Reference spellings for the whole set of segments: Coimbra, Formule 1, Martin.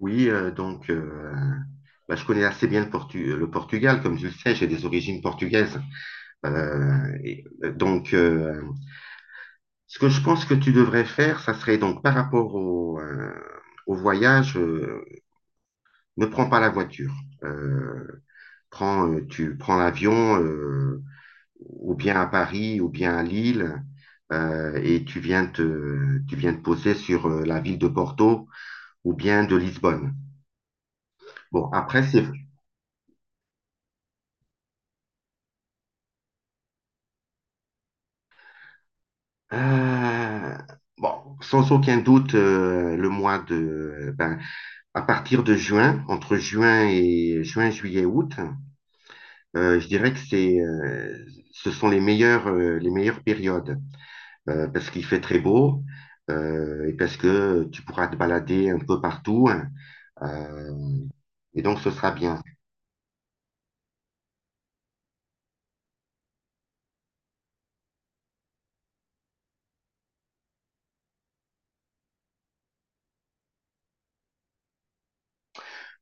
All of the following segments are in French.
Oui, donc bah, je connais assez bien le Portugal, comme tu le sais, j'ai des origines portugaises. Euh, et, euh, donc, euh, Ce que je pense que tu devrais faire, ça serait donc par rapport au voyage, ne prends pas la voiture. Euh, Tu prends l'avion, ou bien à Paris, ou bien à Lille, et tu viens te poser sur la ville de Porto ou bien de Lisbonne. Bon, après, Euh, bon, sans aucun doute, le ben, à partir de juin, entre juin et juin, juillet, août, je dirais que ce sont les meilleures périodes, parce qu'il fait très beau, et parce que tu pourras te balader un peu partout, hein, euh, et donc ce sera bien.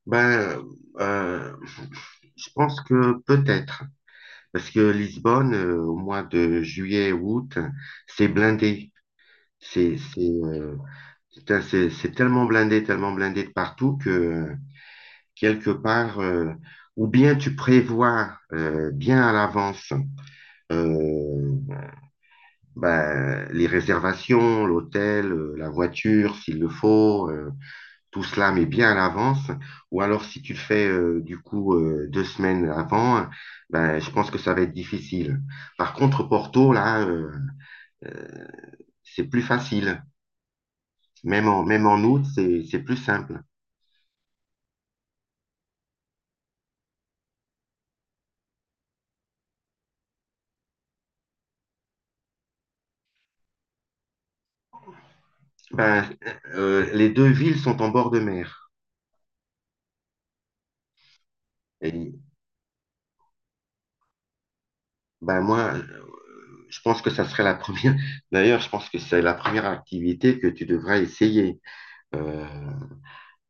Ben, euh, je pense que peut-être, parce que Lisbonne, au mois de juillet, août, c'est blindé. C'est, putain, c'est tellement blindé de partout que quelque part, ou bien tu prévois bien à l'avance euh, ben, les réservations, l'hôtel, la voiture, s'il le faut, tout cela, mais bien à l'avance. Ou alors si tu le fais du coup 2 semaines avant, ben, je pense que ça va être difficile. Par contre, Porto, là, euh, c'est plus facile. Même en août, c'est plus simple. Ben, les deux villes sont en bord de mer. Et ben moi, je pense que ça serait la première. D'ailleurs, je pense que c'est la première activité que tu devrais essayer. Euh,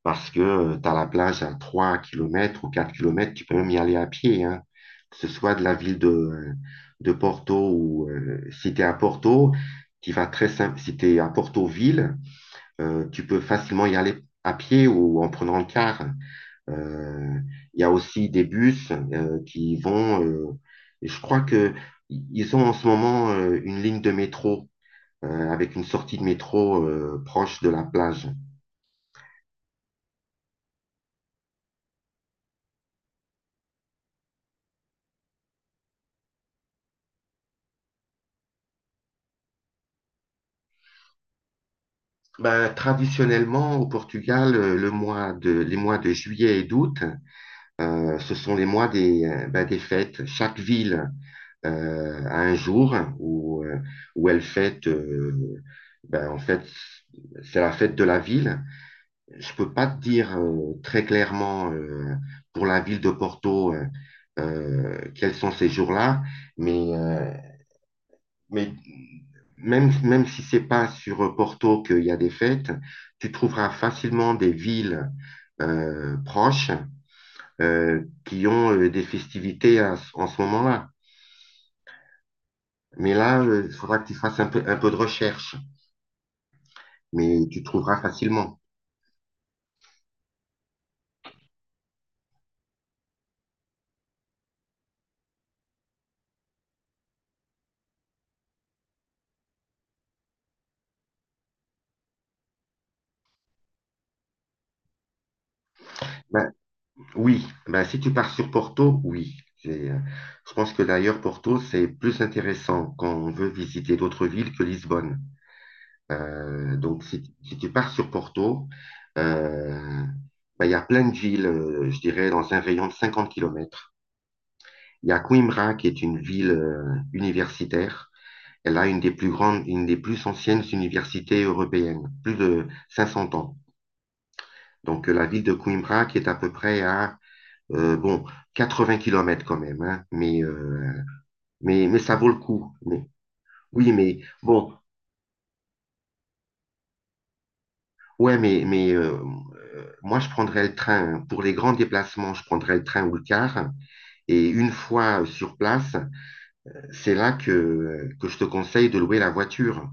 Parce que tu as la plage à 3 kilomètres ou 4 kilomètres. Tu peux même y aller à pied, hein. Que ce soit de la ville de Porto ou si tu es à Porto, tu vas très simple. Si tu es à Porto-Ville, tu peux facilement y aller à pied ou en prenant le car. Euh, Il y a aussi des bus qui vont. Et je crois que ils ont en ce moment une ligne de métro avec une sortie de métro proche de la plage. Ben, traditionnellement, au Portugal, les mois de juillet et d'août, ce sont les mois ben, des fêtes. Chaque ville a un jour où elle fête. Ben, en fait, c'est la fête de la ville. Je peux pas te dire très clairement pour la ville de Porto quels sont ces jours-là, mais, euh, mais même si c'est pas sur Porto qu'il y a des fêtes, tu trouveras facilement des villes proches qui ont des festivités en ce moment-là. Mais là, il faudra que tu fasses un peu de recherche, mais tu trouveras facilement. Bah, oui, bah, si tu pars sur Porto, oui. Je pense que d'ailleurs, Porto, c'est plus intéressant quand on veut visiter d'autres villes que Lisbonne. Donc, si tu pars sur Porto, euh, bah, il y a plein de villes, je dirais, dans un rayon de 50 kilomètres. Il y a Coimbra, qui est une ville universitaire. Elle a une des plus grandes, une des plus anciennes universités européennes, plus de 500 ans. Donc, la ville de Coimbra, qui est à peu près à Euh, bon, 80 kilomètres quand même, hein, mais ça vaut le coup. Mais, oui, mais bon, ouais, moi je prendrais le train. Pour les grands déplacements, je prendrais le train ou le car. Et une fois sur place, c'est là que je te conseille de louer la voiture.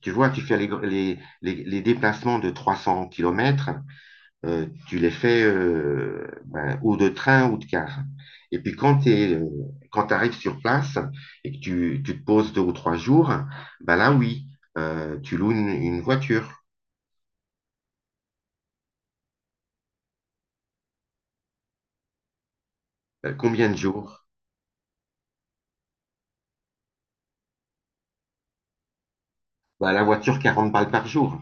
Tu vois, tu fais les déplacements de 300 kilomètres. Tu les fais ben, ou de train ou de car. Et puis quand tu arrives sur place et que tu te poses 2 ou 3 jours, ben là oui, tu loues une voiture. Combien de jours? Ben, la voiture 40 balles par jour.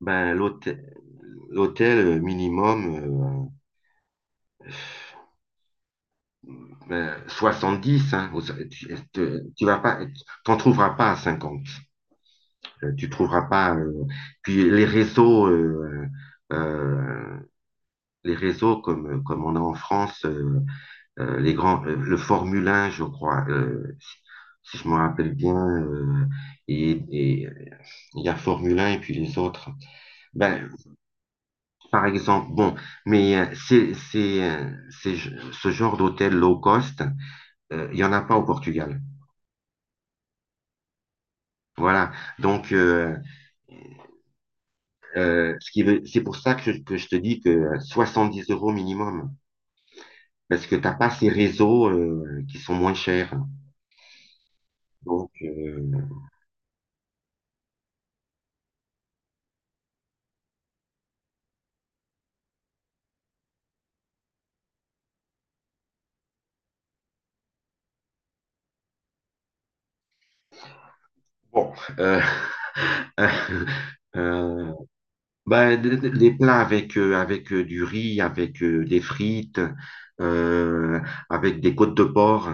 Ben, l'hôtel minimum ben, 70, hein. Tu vas pas, t'en trouveras pas à 50. Tu trouveras pas. Puis les réseaux. Euh, les réseaux comme on a en France, les grands, le Formule 1, je crois, si je me rappelle bien, et, et, euh, il y a Formule 1 et puis les autres. Ben, par exemple, bon, c'est ce genre d'hôtel low cost, il n'y en a pas au Portugal. Voilà. Donc, c'est pour ça que je te dis que 70 euros minimum, parce que t'as pas ces réseaux qui sont moins chers. Donc, euh, Bon, euh, euh, ben, des plats avec du riz, avec des frites, euh, avec des côtes de porc.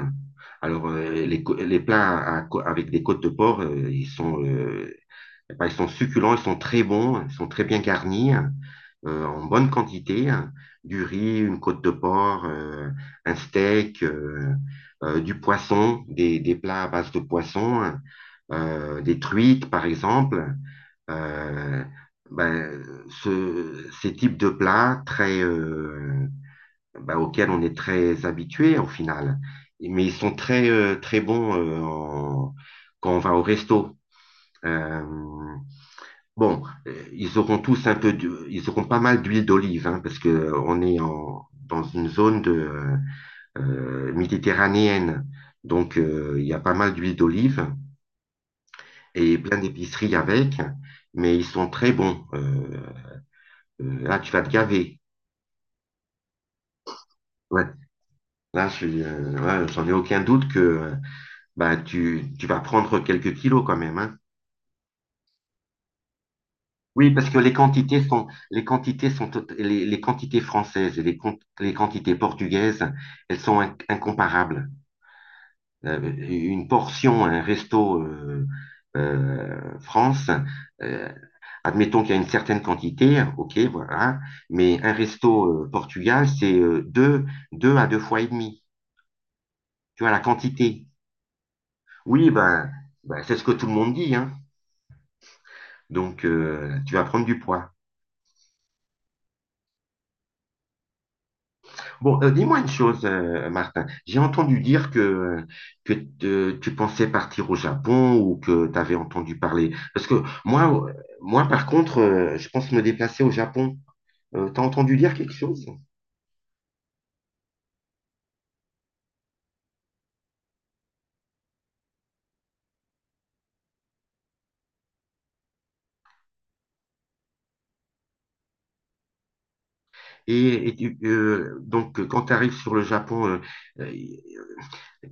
Alors, les plats avec des côtes de porc, ben, ils sont succulents, ils sont très bons, ils sont très bien garnis, en bonne quantité. Du riz, une côte de porc, un steak, du poisson, des plats à base de poisson, des truites, par exemple euh, ben, ces types de plats très, ben, auxquels on est très habitué au final. Mais ils sont très, très bons quand on va au resto. Euh, bon, ils auront pas mal d'huile d'olive, hein, parce que on est dans une zone méditerranéenne. Donc, il y a pas mal d'huile d'olive et plein d'épiceries avec, mais ils sont très bons. Ah, tu vas te gaver. Ouais. Là, je Ouais, j'en ai aucun doute que bah, tu vas prendre quelques kilos quand même, hein. Oui, parce que les quantités françaises et les quantités portugaises, elles sont incomparables. Euh, une portion, un resto France, euh, admettons qu'il y a une certaine quantité, ok, voilà, mais un resto Portugal, c'est 2 à 2 fois et demi. Tu vois, la quantité. Oui, ben, c'est ce que tout le monde dit, hein. Donc, tu vas prendre du poids. Bon, dis-moi une chose, Martin. J'ai entendu dire que tu pensais partir au Japon ou que tu avais entendu parler. Parce que moi par contre, je pense me déplacer au Japon. T'as entendu dire quelque chose? Donc, quand tu arrives sur le Japon, euh,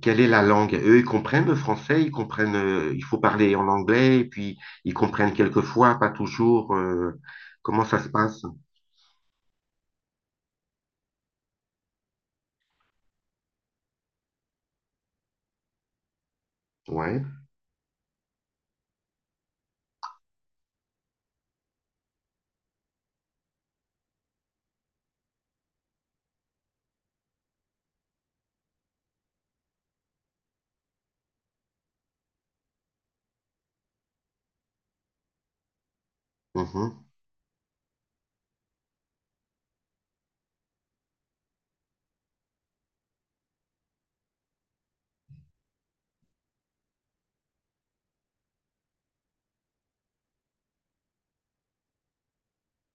quelle est la langue? Eux, ils comprennent le français, ils comprennent, il faut parler en anglais, et puis ils comprennent quelquefois, pas toujours, comment ça se passe. Ouais. Mhm.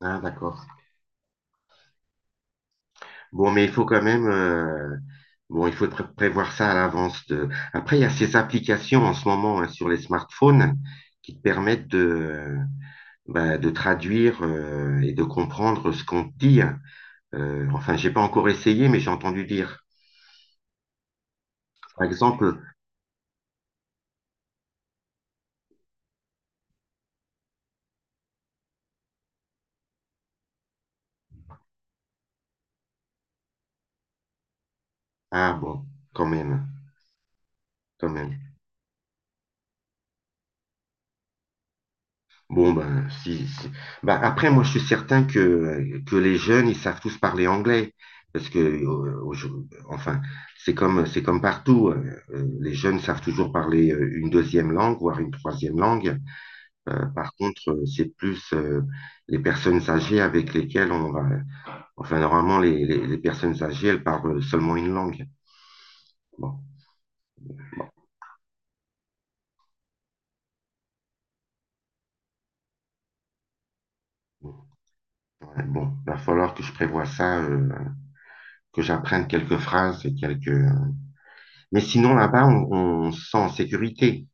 Ah, d'accord. Bon, mais il faut quand même, bon, il faut prévoir ça à l'avance. Après, il y a ces applications en ce moment, hein, sur les smartphones qui te permettent bah, de traduire et de comprendre ce qu'on te dit, hein. Enfin, j'ai pas encore essayé, mais j'ai entendu dire. Par exemple, ah bon, quand même, quand même. Bon, ben, si, si. Ben, après, moi, je suis certain que les jeunes, ils savent tous parler anglais. Parce que, enfin, c'est comme partout. Les jeunes savent toujours parler une deuxième langue, voire une troisième langue. Par contre, c'est plus les personnes âgées avec lesquelles on va. Enfin, normalement, les personnes âgées, elles parlent seulement une langue. Bon. Ouais, bon, va falloir que je prévoie ça, que j'apprenne quelques phrases et quelques. Mais sinon, là-bas, on se sent en sécurité.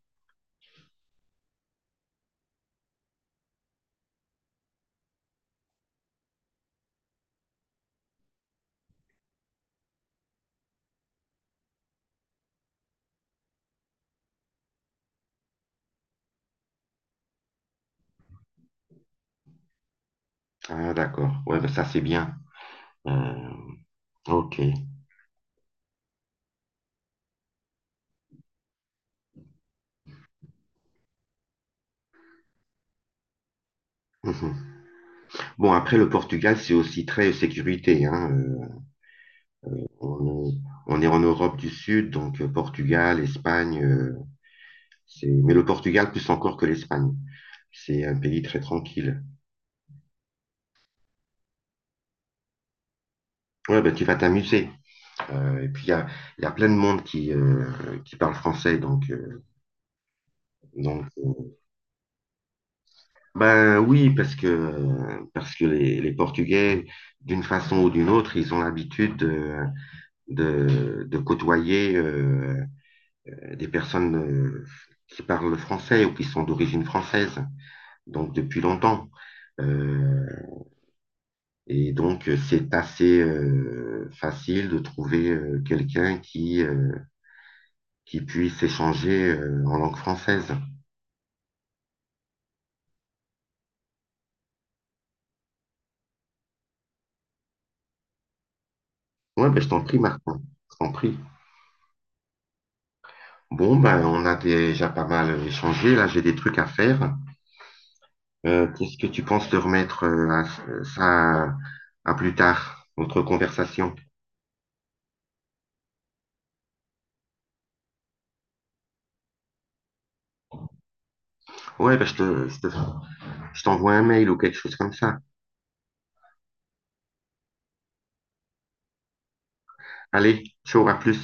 Ah, d'accord. Ouais, bah, ça, c'est bien. Euh, ok. Mhm. Bon, après, le Portugal, c'est aussi très sécurité, hein. On est, on est en Europe du Sud, donc Portugal, Espagne, Mais le Portugal, plus encore que l'Espagne. C'est un pays très tranquille. Ouais, ben, tu vas t'amuser. Et puis, il y a plein de monde qui parle français, donc. Ben oui, parce que les Portugais, d'une façon ou d'une autre, ils ont l'habitude de côtoyer des personnes qui parlent français ou qui sont d'origine française, donc depuis longtemps. Euh, et donc, c'est assez facile de trouver quelqu'un qui puisse échanger en langue française. Ouais, ben je t'en prie, Martin, je t'en prie. Bon, ben, on a déjà pas mal échangé. Là, j'ai des trucs à faire. Qu'est-ce que tu penses de remettre ça à plus tard, notre conversation? Ouais, ben, je t'envoie un mail ou quelque chose comme ça. Allez, ciao, à plus.